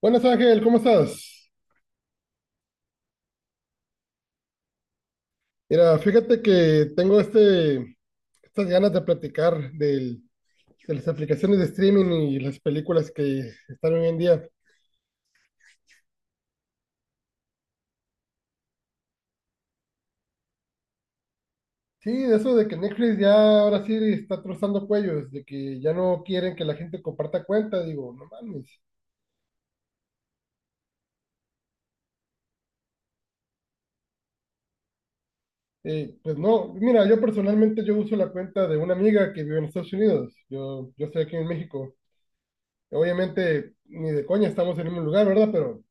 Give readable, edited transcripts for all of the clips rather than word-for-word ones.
Buenas Ángel, ¿cómo estás? Mira, fíjate que tengo estas ganas de platicar de las aplicaciones de streaming y las películas que están hoy en día. Sí, de eso de que Netflix ya ahora sí está trozando cuellos, de que ya no quieren que la gente comparta cuenta, digo, no mames. Pues no, mira, yo personalmente yo uso la cuenta de una amiga que vive en Estados Unidos, yo estoy aquí en México. Obviamente, ni de coña estamos en el mismo lugar, ¿verdad? Pero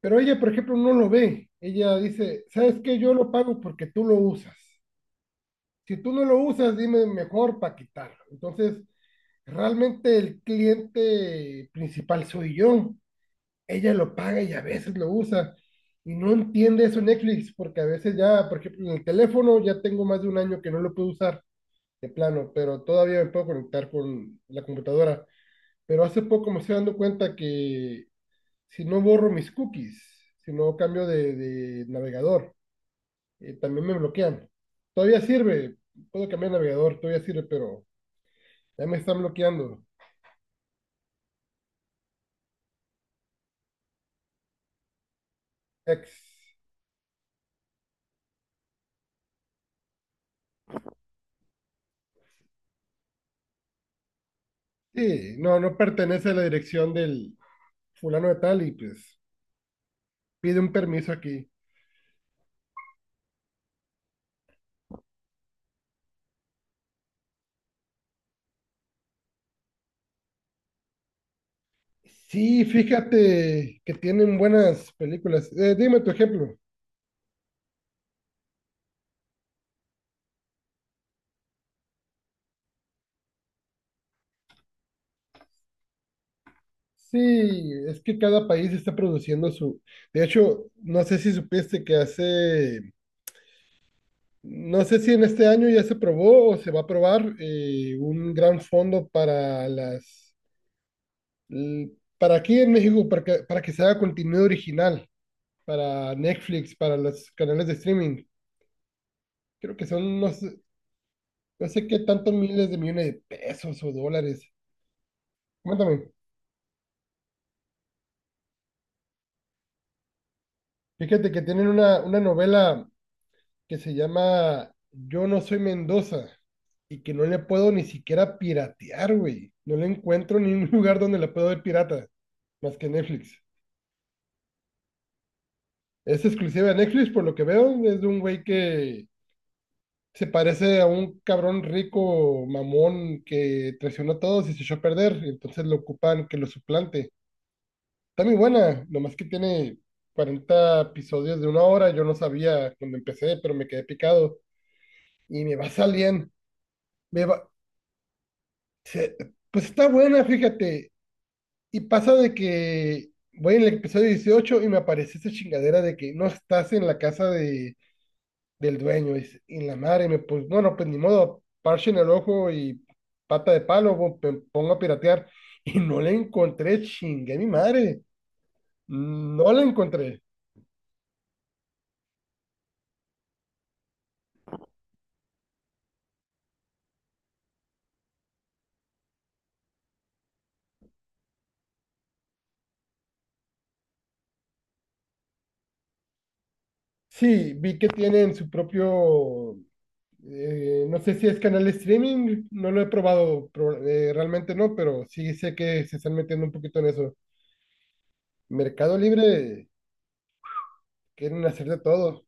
Pero ella, por ejemplo, no lo ve. Ella dice, ¿sabes qué? Yo lo pago porque tú lo usas. Si tú no lo usas, dime mejor para quitarlo. Entonces, realmente el cliente principal soy yo. Ella lo paga y a veces lo usa. Y no entiende eso Netflix, porque a veces ya, por ejemplo, en el teléfono ya tengo más de un año que no lo puedo usar de plano, pero todavía me puedo conectar con la computadora. Pero hace poco me estoy dando cuenta que si no borro mis cookies, si no cambio de navegador, también me bloquean. Todavía sirve, puedo cambiar de navegador, todavía sirve, pero ya me están bloqueando. Ex. Sí, no pertenece a la dirección del fulano de tal y pues pide un permiso aquí. Sí, fíjate que tienen buenas películas. Dime tu ejemplo. Sí, es que cada país está produciendo su. De hecho, no sé si supiste que hace. No sé si en este año ya se probó o se va a probar un gran fondo para l- para aquí en México, para que se haga contenido original, para Netflix, para los canales de streaming. Creo que son, no sé, no sé qué tantos miles de millones de pesos o dólares. Cuéntame, fíjate que tienen una novela que se llama Yo no soy Mendoza y que no le puedo ni siquiera piratear, güey. No le encuentro ningún lugar donde la puedo ver pirata, más que Netflix. Es exclusiva de Netflix, por lo que veo. Es de un güey que se parece a un cabrón rico, mamón, que traicionó a todos y se echó a perder. Entonces lo ocupan que lo suplante. Está muy buena, nomás que tiene 40 episodios de una hora. Yo no sabía cuando empecé, pero me quedé picado. Y me va saliendo. Se- Pues está buena, fíjate. Y pasa de que voy en el episodio 18 y me aparece esa chingadera de que no estás en la casa de, del dueño. Dice, y la madre, me, pues bueno, pues ni modo, parche en el ojo y pata de palo, me pongo a piratear. Y no la encontré, chingue mi madre. No la encontré. Sí, vi que tienen su propio, no sé si es canal de streaming, no lo he probado, realmente no, pero sí sé que se están metiendo un poquito en eso. Mercado Libre, quieren hacer de todo.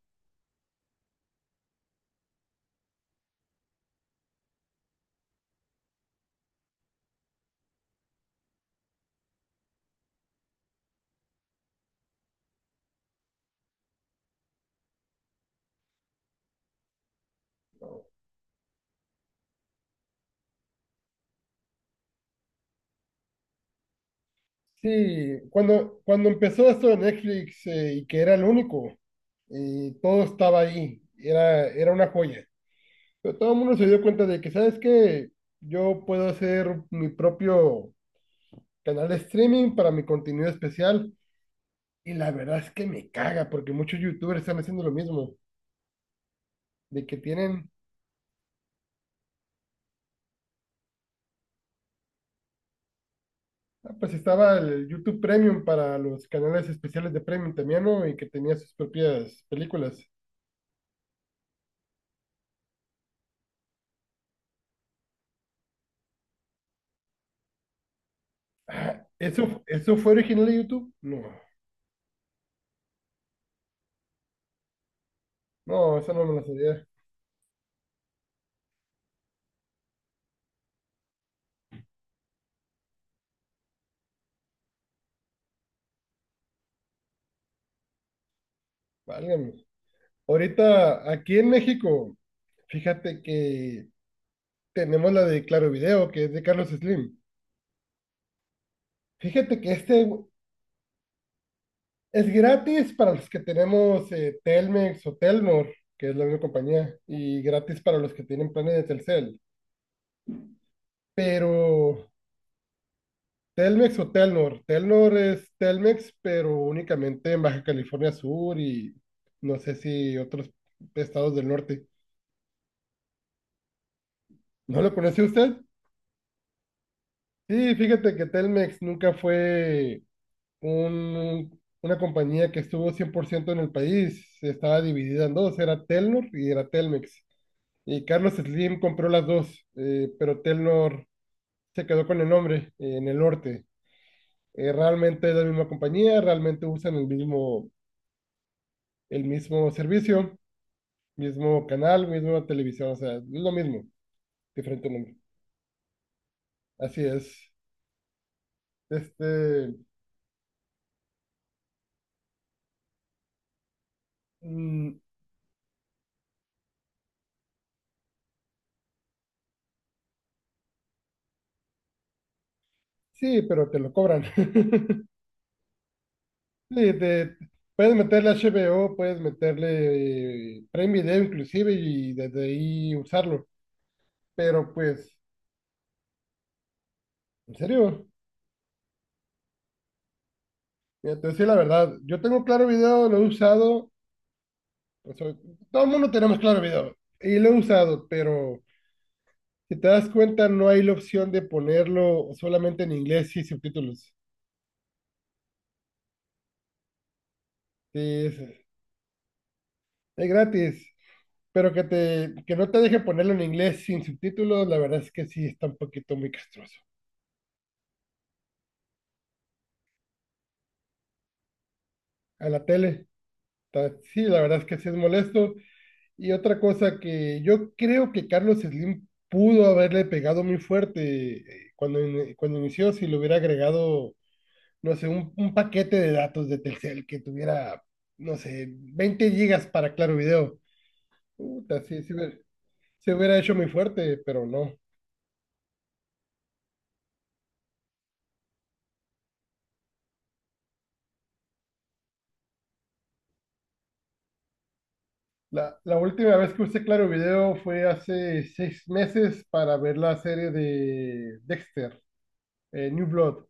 Sí, cuando empezó esto de Netflix y que era el único, y todo estaba ahí, era una joya. Pero todo el mundo se dio cuenta de que, ¿sabes qué? Yo puedo hacer mi propio canal de streaming para mi contenido especial. Y la verdad es que me caga, porque muchos youtubers están haciendo lo mismo, de que tienen, ah, pues estaba el YouTube Premium para los canales especiales de Premium también, ¿no? Y que tenía sus propias películas. Eso fue original de YouTube? No, no, esa no me la sabía. Válgame. Ahorita, aquí en México, fíjate que tenemos la de Claro Video, que es de Carlos Slim. Fíjate que este es gratis para los que tenemos Telmex o Telnor, que es la misma compañía, y gratis para los que tienen planes de Telcel. Pero Telmex o Telnor, Telnor es Telmex, pero únicamente en Baja California Sur y no sé si otros estados del norte. ¿No lo conoció usted? Sí, fíjate que Telmex nunca fue una compañía que estuvo 100% en el país. Estaba dividida en dos, era Telnor y era Telmex. Y Carlos Slim compró las dos, pero Telnor se quedó con el nombre en el norte. Realmente es la misma compañía, realmente usan el mismo servicio, mismo canal, misma televisión, o sea, es lo mismo, diferente nombre. Así es. Este, mm, Sí, pero te lo cobran. Sí, puedes meterle HBO, puedes meterle Prime Video inclusive y desde ahí usarlo. Pero pues, en serio, mira, te voy a decir la verdad, yo tengo Claro Video, lo he usado, o sea, todo el mundo tenemos Claro Video y lo he usado, pero si te das cuenta no hay la opción de ponerlo solamente en inglés y subtítulos. Sí, es, es gratis. Pero que te, que no te deje ponerlo en inglés sin subtítulos, la verdad es que sí está un poquito muy castroso. A la tele, sí, la verdad es que sí es molesto. Y otra cosa que yo creo que Carlos Slim pudo haberle pegado muy fuerte cuando inició, si le hubiera agregado, no sé, un paquete de datos de Telcel que tuviera, no sé, 20 gigas para Claro Video. Puta, se hubiera hecho muy fuerte, pero no. La última vez que usé Claro Video fue hace 6 meses para ver la serie de Dexter, New Blood.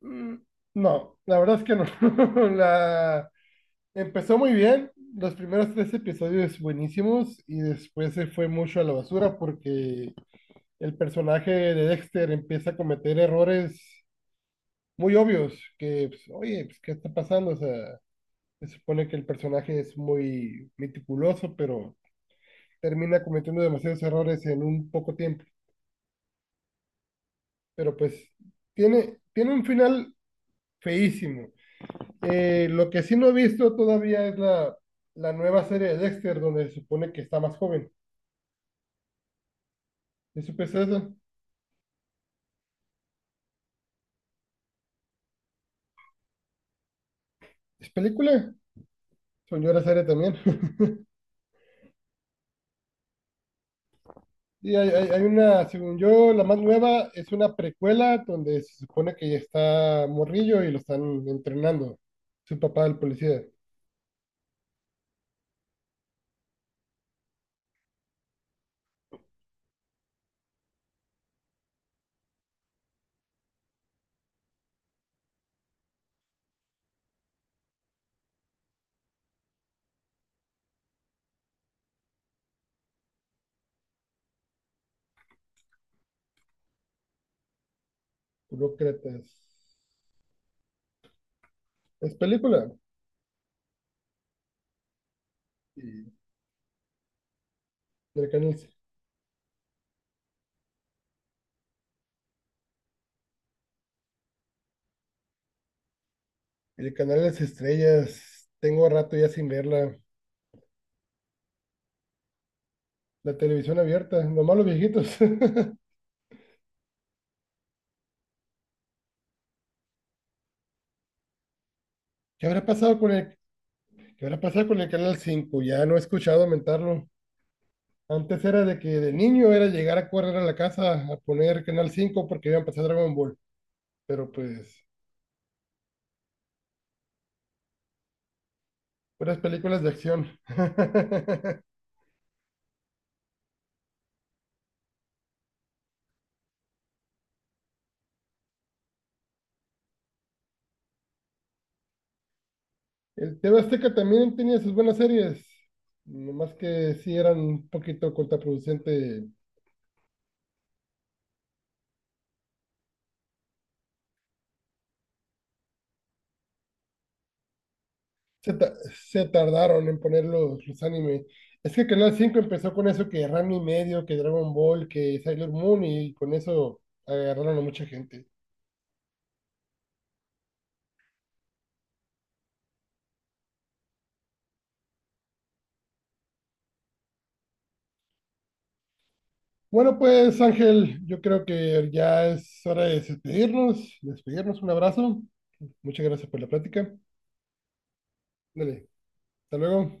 Mm, no, la verdad es que no. La, Empezó muy bien, los primeros tres episodios buenísimos y después se fue mucho a la basura porque el personaje de Dexter empieza a cometer errores muy obvios que, pues, oye, pues, ¿qué está pasando? O sea, se supone que el personaje es muy meticuloso, pero termina cometiendo demasiados errores en un poco tiempo. Pero pues tiene un final feísimo. Lo que sí no he visto todavía es la nueva serie de Dexter, donde se supone que está más joven. ¿Y supe esa? ¿Es película? Señora serie también. Y hay una, según yo, la más nueva es una precuela donde se supone que ya está morrillo y lo están entrenando. Su papá, el policía, burócratas. Es película. Y del canal. El canal de Las Estrellas, tengo rato ya sin verla. La televisión abierta, nomás los viejitos. ¿Qué habrá pasado con qué habrá pasado con el canal cinco? Ya no he escuchado mentarlo. Antes era de que de niño era llegar a correr a la casa a poner canal cinco porque iban a pasar Dragon Ball. Pero pues, puras películas de acción. El TV Azteca también tenía sus buenas series. Nomás que sí eran un poquito contraproducente se, ta- se tardaron en poner los anime. Es que Canal cinco empezó con eso que Ranma y Medio, que Dragon Ball, que Sailor Moon y con eso agarraron a mucha gente. Bueno, pues Ángel, yo creo que ya es hora de despedirnos. Despedirnos, un abrazo. Muchas gracias por la plática. Dale, hasta luego.